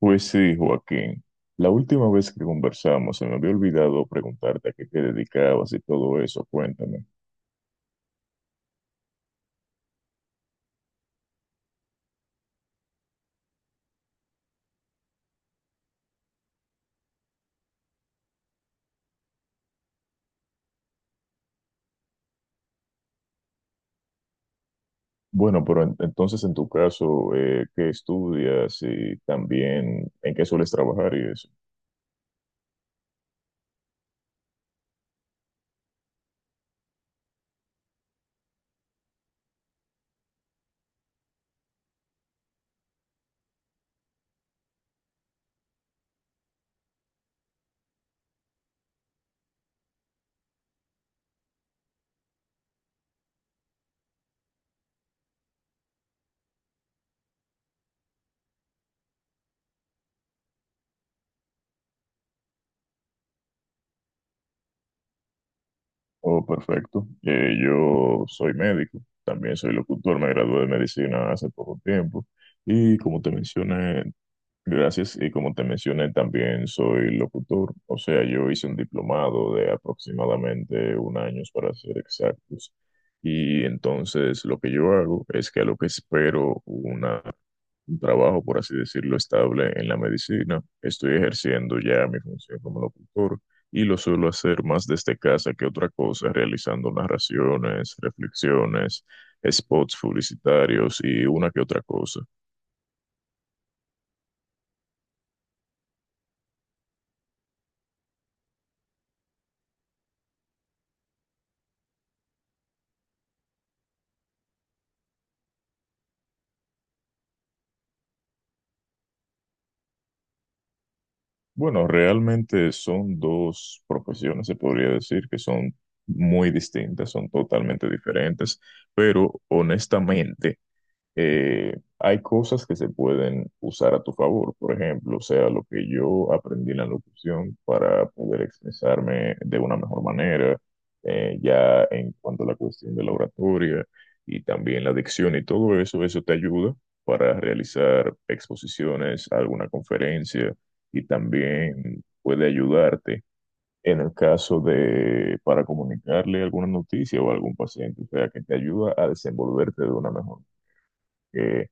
Pues sí, Joaquín. La última vez que conversamos se me había olvidado preguntarte a qué te dedicabas y todo eso. Cuéntame. Bueno, pero entonces en tu caso, ¿qué estudias y también en qué sueles trabajar y eso? Oh, perfecto. Yo soy médico, también soy locutor, me gradué de medicina hace poco tiempo y como te mencioné, gracias, y como te mencioné, también soy locutor, o sea, yo hice un diplomado de aproximadamente un año para ser exactos. Y entonces lo que yo hago es que a lo que espero un trabajo, por así decirlo, estable en la medicina, estoy ejerciendo ya mi función como locutor y lo suelo hacer más desde casa que otra cosa, realizando narraciones, reflexiones, spots publicitarios y una que otra cosa. Bueno, realmente son dos profesiones, se podría decir, que son muy distintas, son totalmente diferentes, pero honestamente, hay cosas que se pueden usar a tu favor, por ejemplo, o sea, lo que yo aprendí en la locución para poder expresarme de una mejor manera, ya en cuanto a la cuestión de la oratoria y también la dicción y todo eso, eso te ayuda para realizar exposiciones, alguna conferencia y también puede ayudarte. En el caso de para comunicarle alguna noticia o a algún paciente, o sea, que te ayuda a desenvolverte de una mejor eh,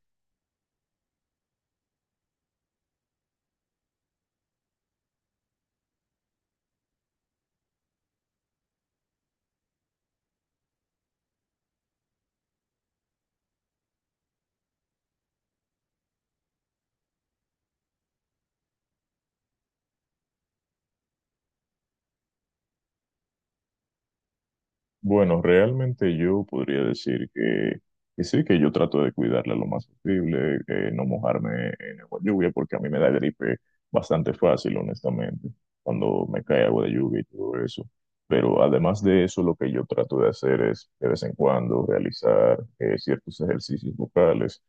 bueno, realmente yo podría decir que sí, que yo trato de cuidarla lo más posible, no mojarme en agua de lluvia, porque a mí me da gripe bastante fácil, honestamente, cuando me cae agua de lluvia y todo eso. Pero además de eso, lo que yo trato de hacer es de vez en cuando realizar ciertos ejercicios vocales,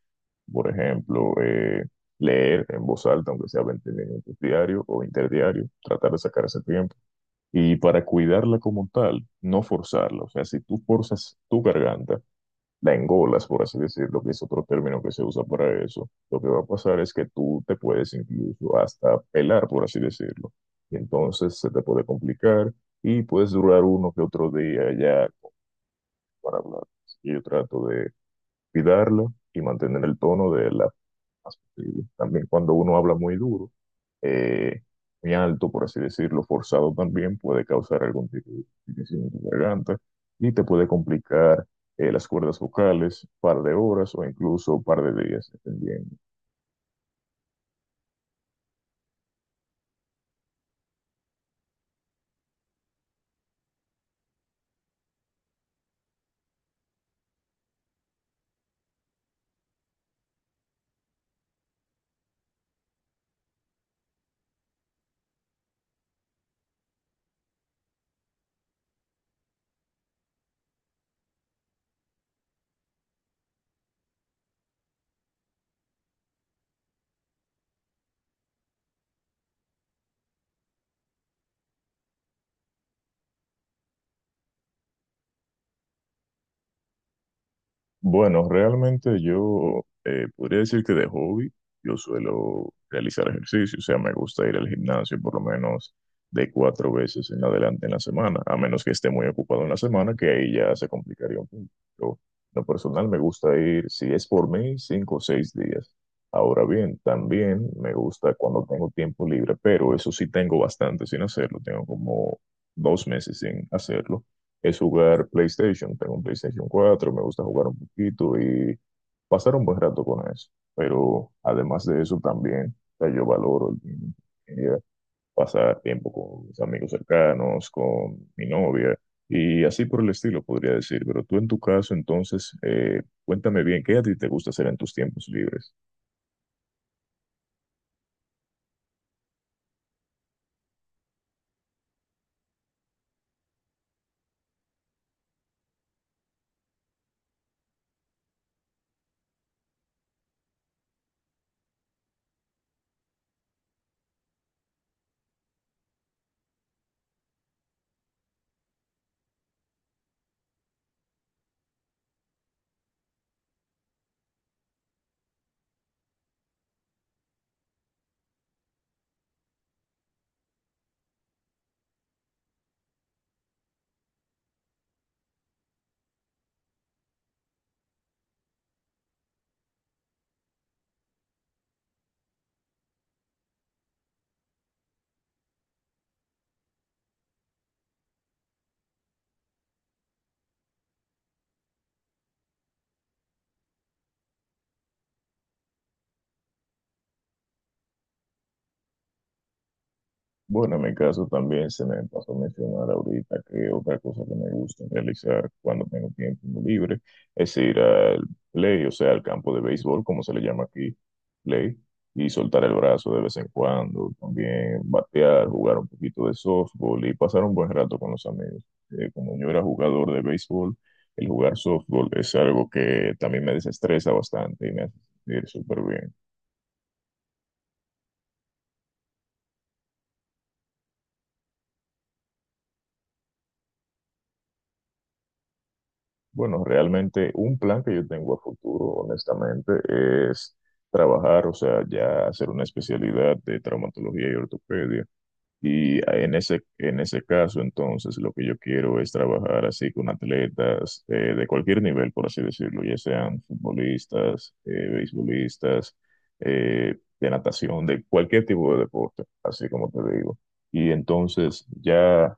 por ejemplo, leer en voz alta, aunque sea 20 minutos diario o interdiario, tratar de sacar ese tiempo. Y para cuidarla como tal, no forzarla. O sea, si tú forzas tu garganta, la engolas, por así decirlo, que es otro término que se usa para eso, lo que va a pasar es que tú te puedes incluso hasta pelar, por así decirlo. Y entonces se te puede complicar y puedes durar uno que otro día ya para hablar. Así que yo trato de cuidarla y mantener el tono de la más posible. También cuando uno habla muy duro, eh, muy alto, por así decirlo, forzado también, puede causar algún tipo de irritación en tu garganta y te puede complicar las cuerdas vocales, par de horas o incluso par de días, dependiendo. Bueno, realmente yo podría decir que de hobby yo suelo realizar ejercicio, o sea, me gusta ir al gimnasio por lo menos de cuatro veces en adelante en la semana, a menos que esté muy ocupado en la semana, que ahí ya se complicaría un poco. Yo, en lo personal, me gusta ir, si es por mí, cinco o seis días. Ahora bien, también me gusta cuando tengo tiempo libre, pero eso sí tengo bastante sin hacerlo, tengo como dos meses sin hacerlo es jugar PlayStation. Tengo un PlayStation 4 me gusta jugar un poquito y pasar un buen rato con eso. Pero además de eso también, o sea, yo valoro el tiempo que quería pasar tiempo con mis amigos cercanos, con mi novia y así por el estilo, podría decir. Pero tú en tu caso, entonces, cuéntame bien, ¿qué a ti te gusta hacer en tus tiempos libres? Bueno, en mi caso también se me pasó a mencionar ahorita que otra cosa que me gusta realizar cuando tengo tiempo libre es ir al play, o sea, al campo de béisbol, como se le llama aquí, play, y soltar el brazo de vez en cuando, también batear, jugar un poquito de softball y pasar un buen rato con los amigos. Como yo era jugador de béisbol, el jugar softball es algo que también me desestresa bastante y me hace sentir súper bien. Bueno, realmente un plan que yo tengo a futuro, honestamente, es trabajar, o sea, ya hacer una especialidad de traumatología y ortopedia. Y en en ese caso, entonces, lo que yo quiero es trabajar así con atletas de cualquier nivel, por así decirlo, ya sean futbolistas, beisbolistas, de natación, de cualquier tipo de deporte, así como te digo. Y entonces ya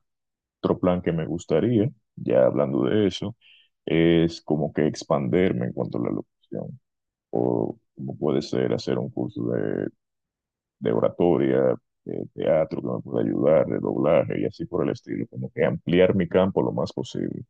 otro plan que me gustaría, ya hablando de eso, es como que expanderme en cuanto a la locución, o como puede ser hacer un curso de oratoria, de teatro que me pueda ayudar, de doblaje y así por el estilo, como que ampliar mi campo lo más posible.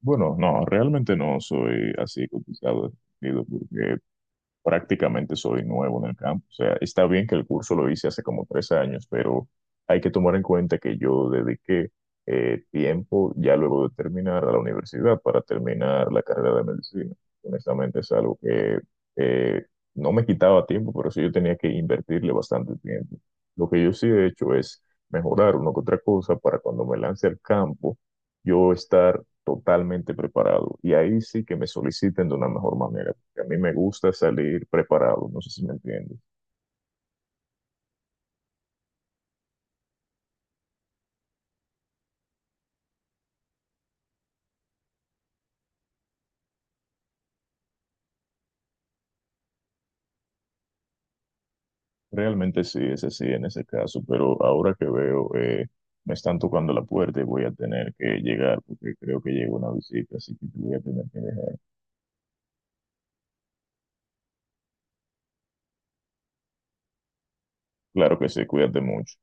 Bueno, no, realmente no soy así complicado, porque prácticamente soy nuevo en el campo. O sea, está bien que el curso lo hice hace como tres años, pero hay que tomar en cuenta que yo dediqué tiempo ya luego de terminar a la universidad para terminar la carrera de medicina. Honestamente es algo que eh, no me quitaba tiempo, pero sí yo tenía que invertirle bastante tiempo. Lo que yo sí he hecho es mejorar una que otra cosa para cuando me lance al campo, yo estar totalmente preparado. Y ahí sí que me soliciten de una mejor manera que a mí me gusta salir preparado, no sé si me entiendes. Realmente sí, ese sí, en ese caso, pero ahora que veo, me están tocando la puerta y voy a tener que llegar porque creo que llega una visita, así que te voy a tener que dejar. Claro que sí, cuídate mucho.